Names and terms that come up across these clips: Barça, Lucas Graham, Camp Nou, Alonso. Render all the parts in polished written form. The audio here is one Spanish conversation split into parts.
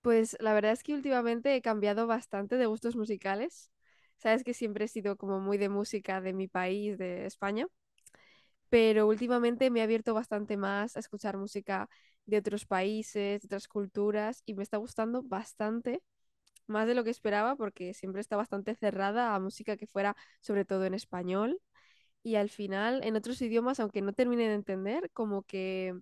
Pues la verdad es que últimamente he cambiado bastante de gustos musicales. Sabes que siempre he sido como muy de música de mi país, de España, pero últimamente me he abierto bastante más a escuchar música de otros países, de otras culturas, y me está gustando bastante, más de lo que esperaba, porque siempre está bastante cerrada a música que fuera sobre todo en español. Y al final, en otros idiomas, aunque no termine de entender, como que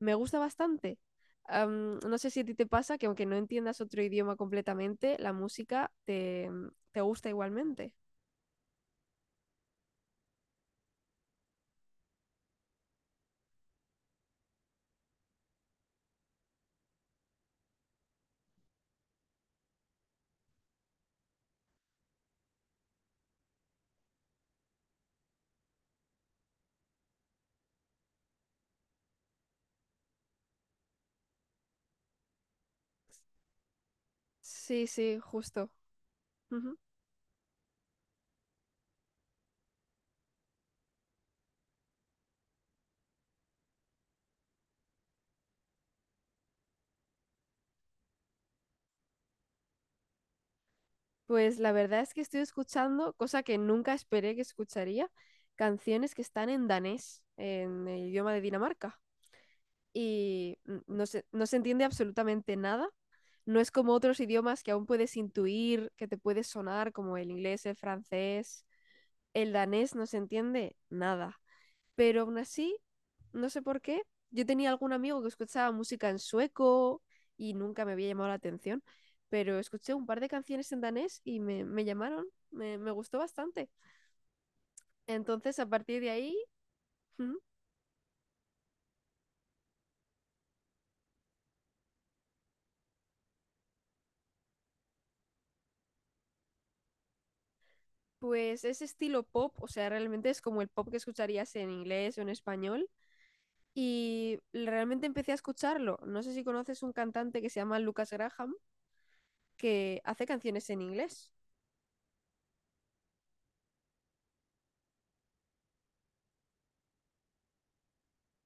me gusta bastante. No sé si a ti te pasa que aunque no entiendas otro idioma completamente, la te gusta igualmente. Sí, sí, justo. Ujú. Pues la verdad es que estoy escuchando, cosa que nunca esperé que escucharía, canciones que están en danés, en el idioma de Dinamarca. Y no se, no se entiende absolutamente nada. No es como otros idiomas que aún puedes intuir, que te puede sonar, como el inglés, el francés. El danés no se entiende nada, pero aún así, no sé por qué, yo tenía algún amigo que escuchaba música en sueco y nunca me había llamado la atención, pero escuché un par de canciones en danés y me llamaron, me gustó bastante. Entonces, a partir de ahí, pues es estilo pop, o sea, realmente es como el pop que escucharías en inglés o en español. Y realmente empecé a escucharlo. No sé si conoces un cantante que se llama Lucas Graham, que hace canciones en inglés.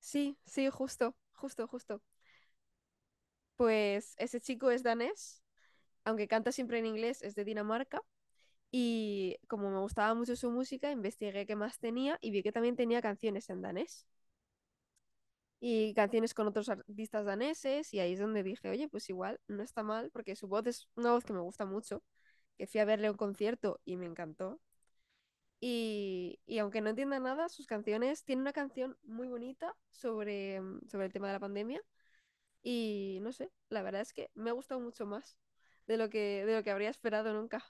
Sí, sí, justo, justo, justo. Pues ese chico es danés, aunque canta siempre en inglés, es de Dinamarca. Y como me gustaba mucho su música, investigué qué más tenía y vi que también tenía canciones en danés y canciones con otros artistas daneses. Y ahí es donde dije, oye, pues igual no está mal, porque su voz es una voz que me gusta mucho. Que fui a verle a un concierto y me encantó. Y aunque no entienda nada, sus canciones, tiene una canción muy bonita sobre el tema de la pandemia. Y no sé, la verdad es que me ha gustado mucho más de lo de lo que habría esperado nunca.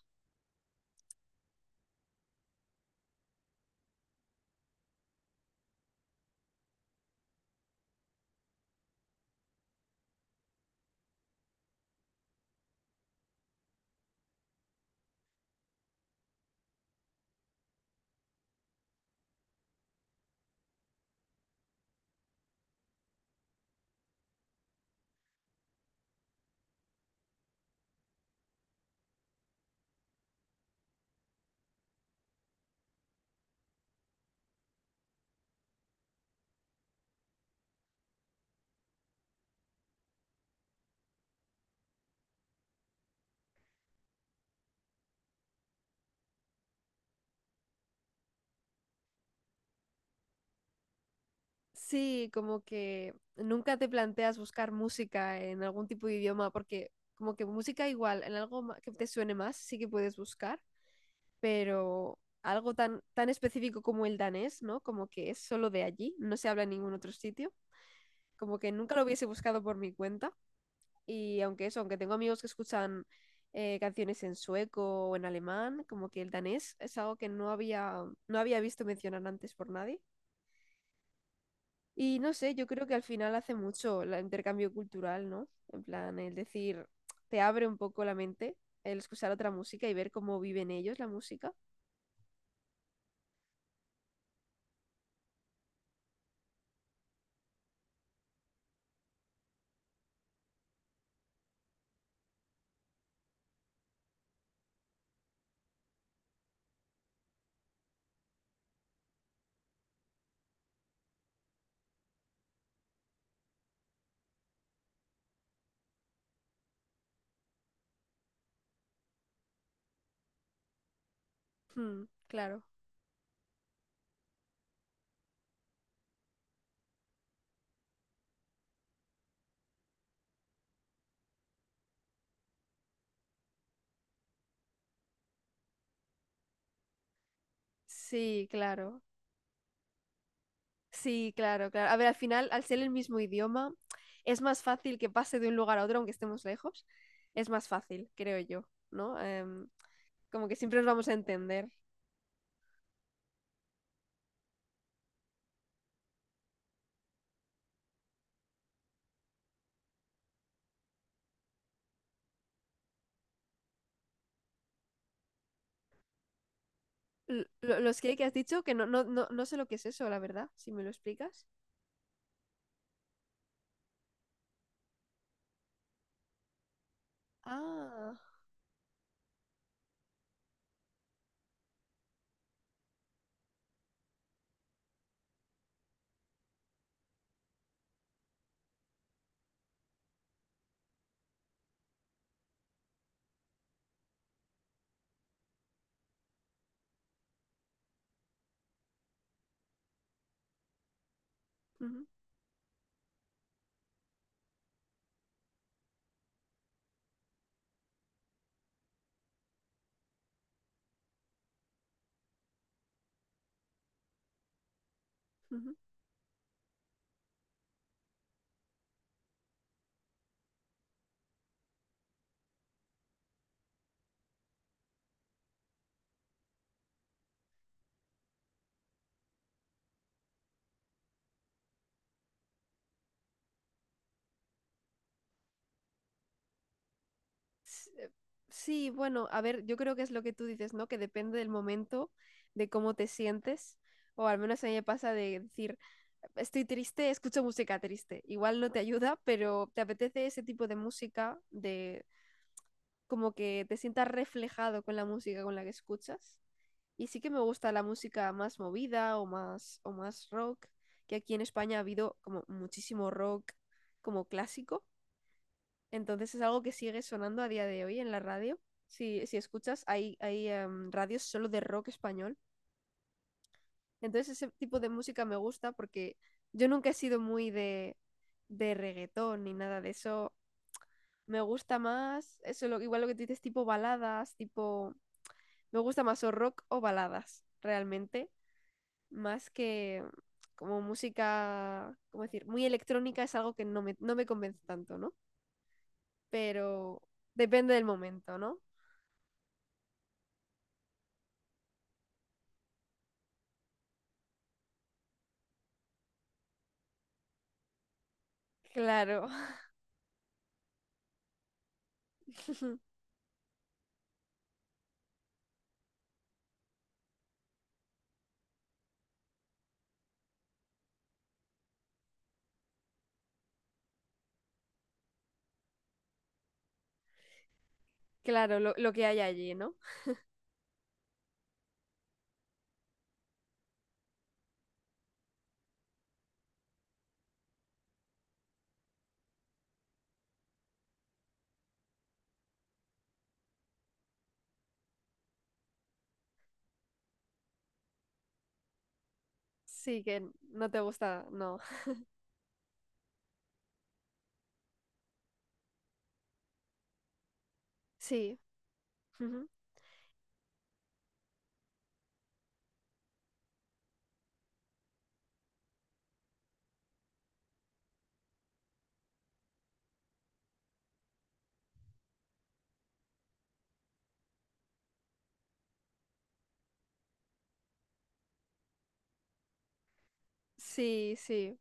Sí, como que nunca te planteas buscar música en algún tipo de idioma, porque como que música igual, en algo que te suene más, sí que puedes buscar, pero algo tan específico como el danés, ¿no? Como que es solo de allí, no se habla en ningún otro sitio, como que nunca lo hubiese buscado por mi cuenta. Y aunque eso, aunque tengo amigos que escuchan canciones en sueco o en alemán, como que el danés es algo que no no había visto mencionar antes por nadie. Y no sé, yo creo que al final hace mucho el intercambio cultural, ¿no? En plan, el decir, te abre un poco la mente el escuchar otra música y ver cómo viven ellos la música. Hmm, claro. Sí, claro. Sí, claro, claro. A ver, al final, al ser el mismo idioma, es más fácil que pase de un lugar a otro, aunque estemos lejos. Es más fácil, creo yo, ¿no? Em, como que siempre nos vamos a entender. Los que has dicho, que no, no, no, no sé lo que es eso, la verdad, si me lo explicas. Ah, ujú, ujú. eh, Sí, bueno, a ver, yo creo que es lo que tú dices, ¿no? Que depende del momento, de cómo te sientes, o al menos a mí me pasa de decir, estoy triste, escucho música triste. Igual no te ayuda, pero te apetece ese tipo de música, de como que te sientas reflejado con la música con la que escuchas. Y sí que me gusta la música más movida o más rock, que aquí en España ha habido como muchísimo rock como clásico, entonces es algo que sigue sonando a día de hoy en la radio. Si, si escuchas, hay radios solo de rock español. Entonces ese tipo de música me gusta porque yo nunca he sido muy de reggaetón ni nada de eso. Me gusta más, eso lo, igual lo que tú dices, tipo baladas, tipo... Me gusta más o rock o baladas, realmente, más que como música, ¿cómo decir? Muy electrónica es algo que no no me convence tanto, ¿no? Pero depende del momento, ¿no? Claro. Ujú. Claro, lo que hay allí, ¿no? Sí, que no te gusta, no. Sí, ujú. Sí, sí.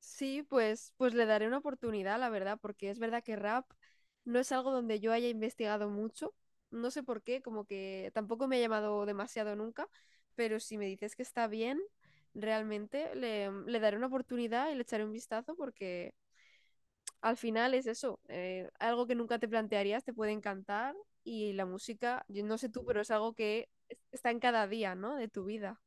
Sí, pues, pues le daré una oportunidad, la verdad, porque es verdad que rap no es algo donde yo haya investigado mucho. No sé por qué, como que tampoco me ha llamado demasiado nunca, pero si me dices que está bien, realmente le daré una oportunidad y le echaré un vistazo porque... al final es eso, algo que nunca te plantearías te puede encantar y la música, yo no sé tú, pero es algo que está en cada día, ¿no? De tu vida.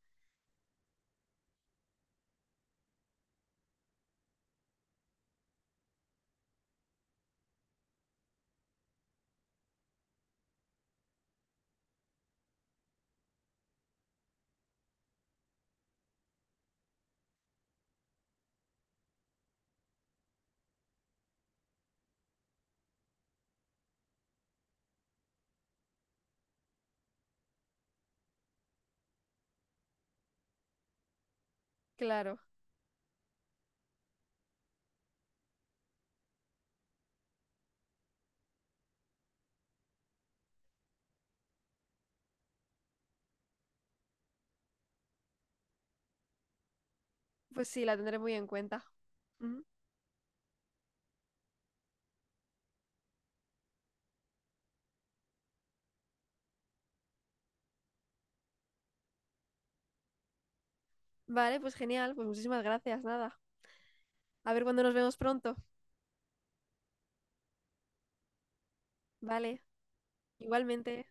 Claro, pues sí, la tendré muy en cuenta. Ujú. Vale, pues genial, pues muchísimas gracias, nada. A ver cuándo nos vemos pronto. Vale, igualmente.